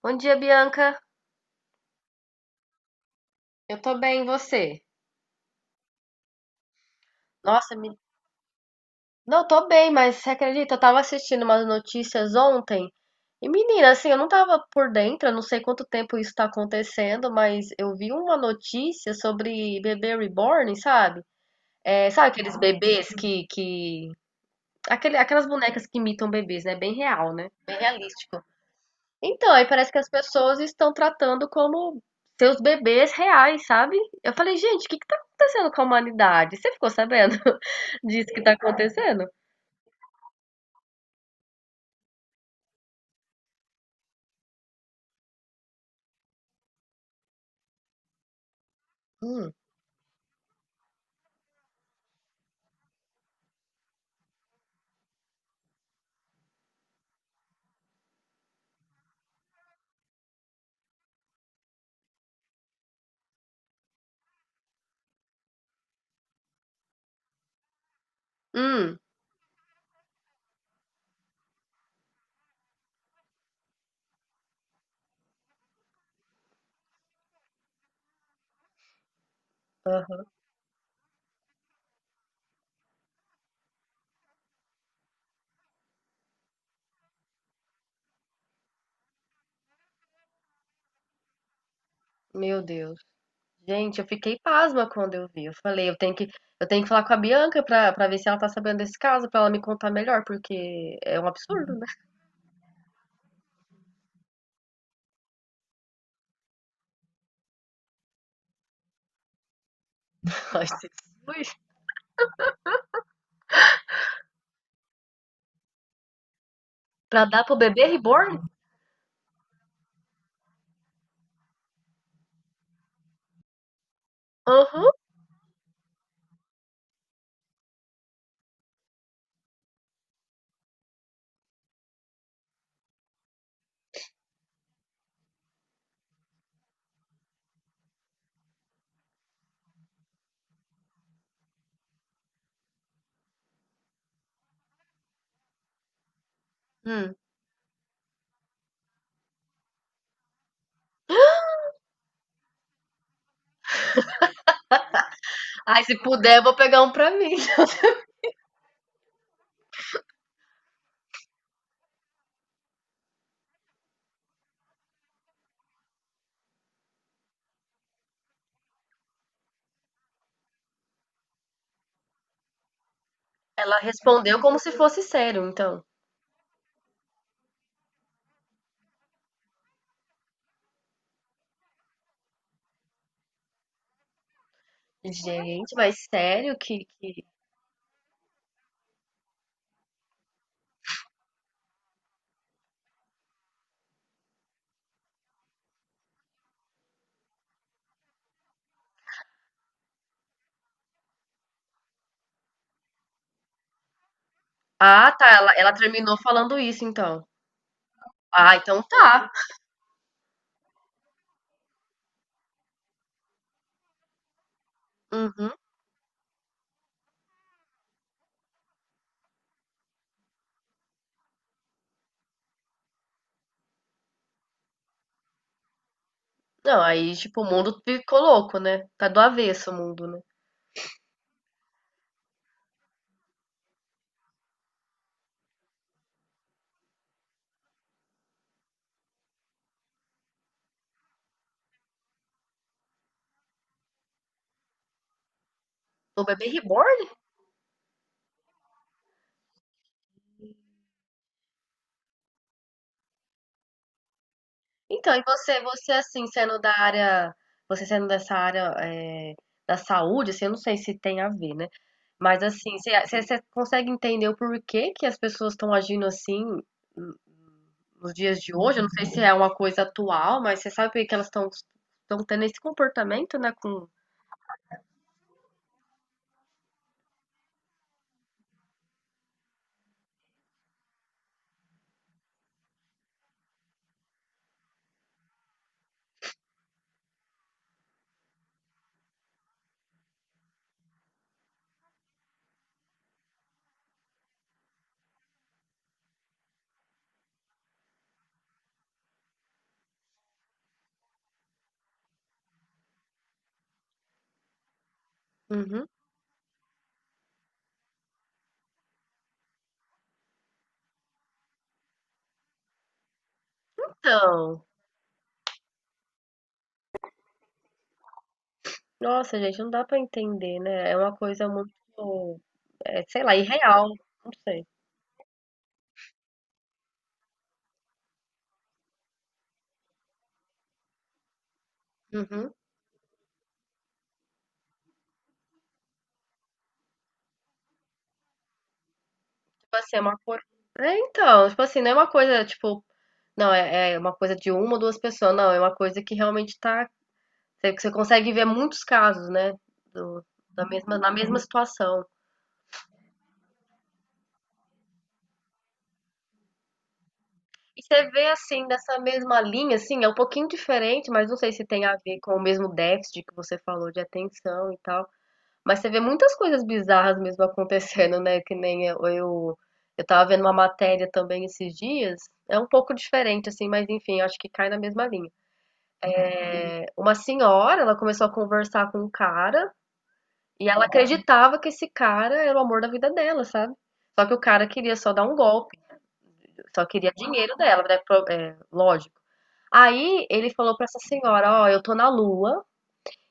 Bom dia, Bianca. Eu tô bem, e você? Nossa, me... não tô bem, mas você acredita? Eu tava assistindo umas notícias ontem. E menina, assim, eu não tava por dentro, eu não sei quanto tempo isso tá acontecendo, mas eu vi uma notícia sobre bebê reborn, sabe? É, sabe aqueles bebês que... Aquele, aquelas bonecas que imitam bebês, né? Bem real, né? Bem realista. Então, aí parece que as pessoas estão tratando como seus bebês reais, sabe? Eu falei, gente, o que que tá acontecendo com a humanidade? Você ficou sabendo disso que tá acontecendo? Hum, hum, meu Deus. Gente, eu fiquei pasma quando eu vi. Eu falei, eu tenho que falar com a Bianca pra ver se ela tá sabendo desse caso, pra ela me contar melhor, porque é um absurdo, né? Ai, Jesus. Pra dar pro bebê reborn? Aham. Hum. Ai, se puder, eu vou pegar um pra mim. Ela respondeu como se fosse sério, então. Gente, mas sério que... Ah, tá, ela terminou falando isso, então. Ah, então tá. Uhum. Não, aí, tipo, o mundo ficou louco, né? Tá do avesso o mundo, né? O bebê reborn? Então, e você assim, sendo da área, você sendo dessa área, é, da saúde, assim, eu não sei se tem a ver, né? Mas assim, você consegue entender o porquê que as pessoas estão agindo assim nos dias de hoje, eu não sei se é uma coisa atual, mas você sabe por que que elas estão tendo esse comportamento, né, com Uhum. Então, nossa, gente, não dá pra entender, né? É uma coisa muito, é, sei lá, irreal, não sei. Uhum. Tipo assim, é uma coisa. É, então, tipo assim, não é uma coisa, tipo, não, é, é uma coisa de uma ou duas pessoas, não, é uma coisa que realmente tá. Você consegue ver muitos casos, né? do- da mesma, na mesma situação. E você vê assim, dessa mesma linha, assim, é um pouquinho diferente, mas não sei se tem a ver com o mesmo déficit que você falou de atenção e tal. Mas você vê muitas coisas bizarras mesmo acontecendo, né? Que nem eu tava vendo uma matéria também esses dias. É um pouco diferente, assim, mas enfim, acho que cai na mesma linha. Uma senhora, ela começou a conversar com um cara e ela acreditava que esse cara era o amor da vida dela, sabe? Só que o cara queria só dar um golpe, só queria dinheiro dela, né? Pro- é, lógico. Aí ele falou pra essa senhora: Ó, eu tô na lua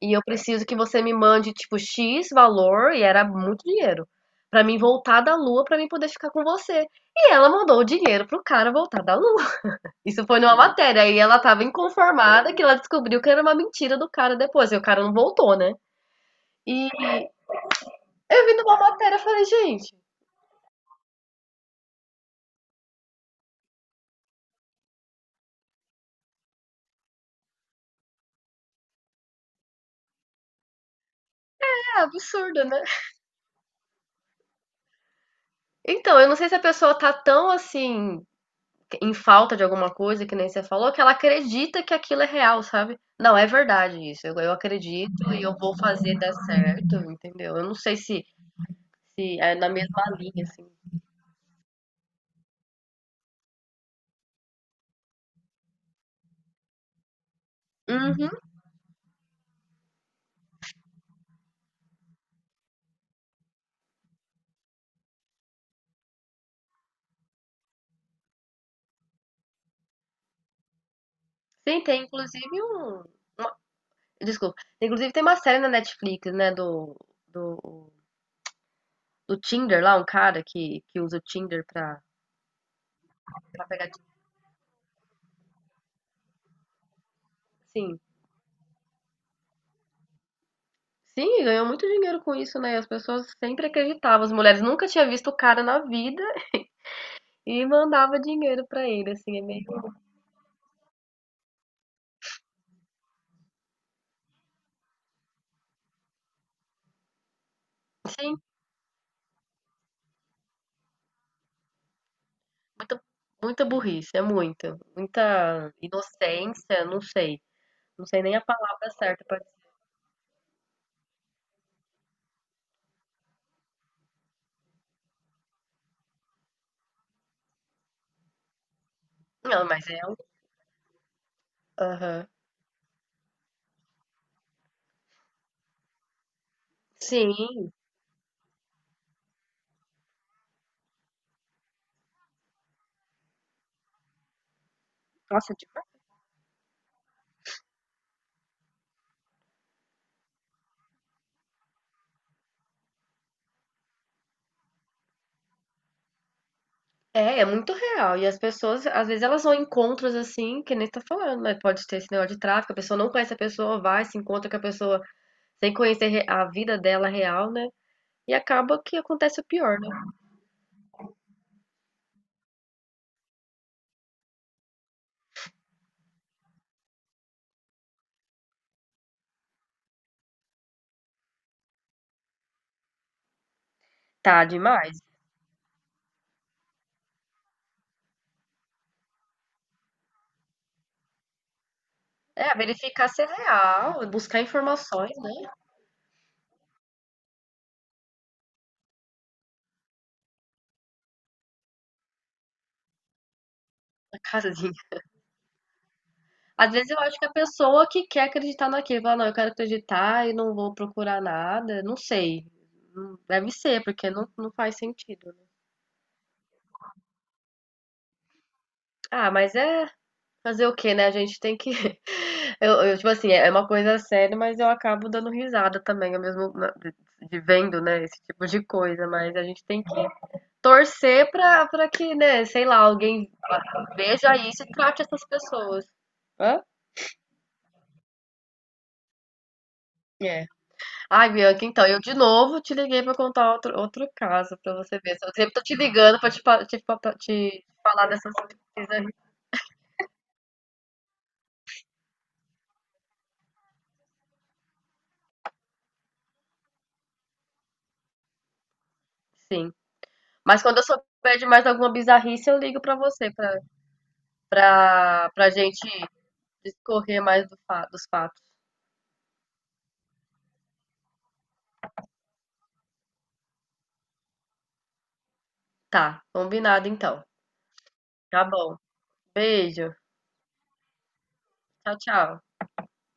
e eu preciso que você me mande, tipo, X valor, e era muito dinheiro, pra mim voltar da lua pra mim poder ficar com você. E ela mandou o dinheiro pro cara voltar da lua. Isso foi numa matéria. Aí ela tava inconformada que ela descobriu que era uma mentira do cara depois. E o cara não voltou, né? E eu vi numa matéria e falei, gente, é absurdo, né? Então, eu não sei se a pessoa tá tão assim em falta de alguma coisa, que nem você falou, que ela acredita que aquilo é real, sabe? Não, é verdade isso. Eu acredito e eu vou fazer dar certo, entendeu? Eu não sei se, se é na mesma linha, assim. Uhum. Sim, tem inclusive um. Uma- desculpa. Inclusive tem uma série na Netflix, né? Do, do Tinder lá, um cara que usa o Tinder pra, pra pegar. Sim. Sim, e ganhou muito dinheiro com isso, né? As pessoas sempre acreditavam. As mulheres nunca tinham visto o cara na vida. E mandava dinheiro pra ele, assim, é meio sim, muita muita burrice, é muita, muita inocência, não sei, não sei nem a palavra certa pra dizer. Não, mas é um aham. Sim. Nossa, tipo é, é muito real. E as pessoas, às vezes, elas vão em encontros assim, que nem você tá falando, mas pode ter esse negócio de tráfico, a pessoa não conhece a pessoa, vai, se encontra com a pessoa sem conhecer re- a vida dela real, né? E acaba que acontece o pior, né? Tá demais. É, verificar se é real, buscar informações, né? A casinha. Às vezes eu acho que a pessoa que quer acreditar naquilo, fala, não, eu quero acreditar e não vou procurar nada, não sei. Deve ser, porque não, não faz sentido. Né? Ah, mas é fazer o quê, né? A gente tem que. Tipo assim, é uma coisa séria, mas eu acabo dando risada também, ao mesmo na- de vendo, né, esse tipo de coisa, mas a gente tem que torcer pra, pra que, né, sei lá, alguém veja isso e trate essas pessoas. Hã? É. Ai, Bianca, então, eu de novo te liguei pra contar outro, outro caso pra você ver. Eu sempre tô te ligando pra te, pa- te, pa- te falar dessas bizarrices. Sim. Mas quando eu souber de mais alguma bizarrice, eu ligo pra você, pra, pra, pra gente discorrer mais do fa- dos fatos. Tá, combinado então. Tá bom. Beijo. Tchau, tchau.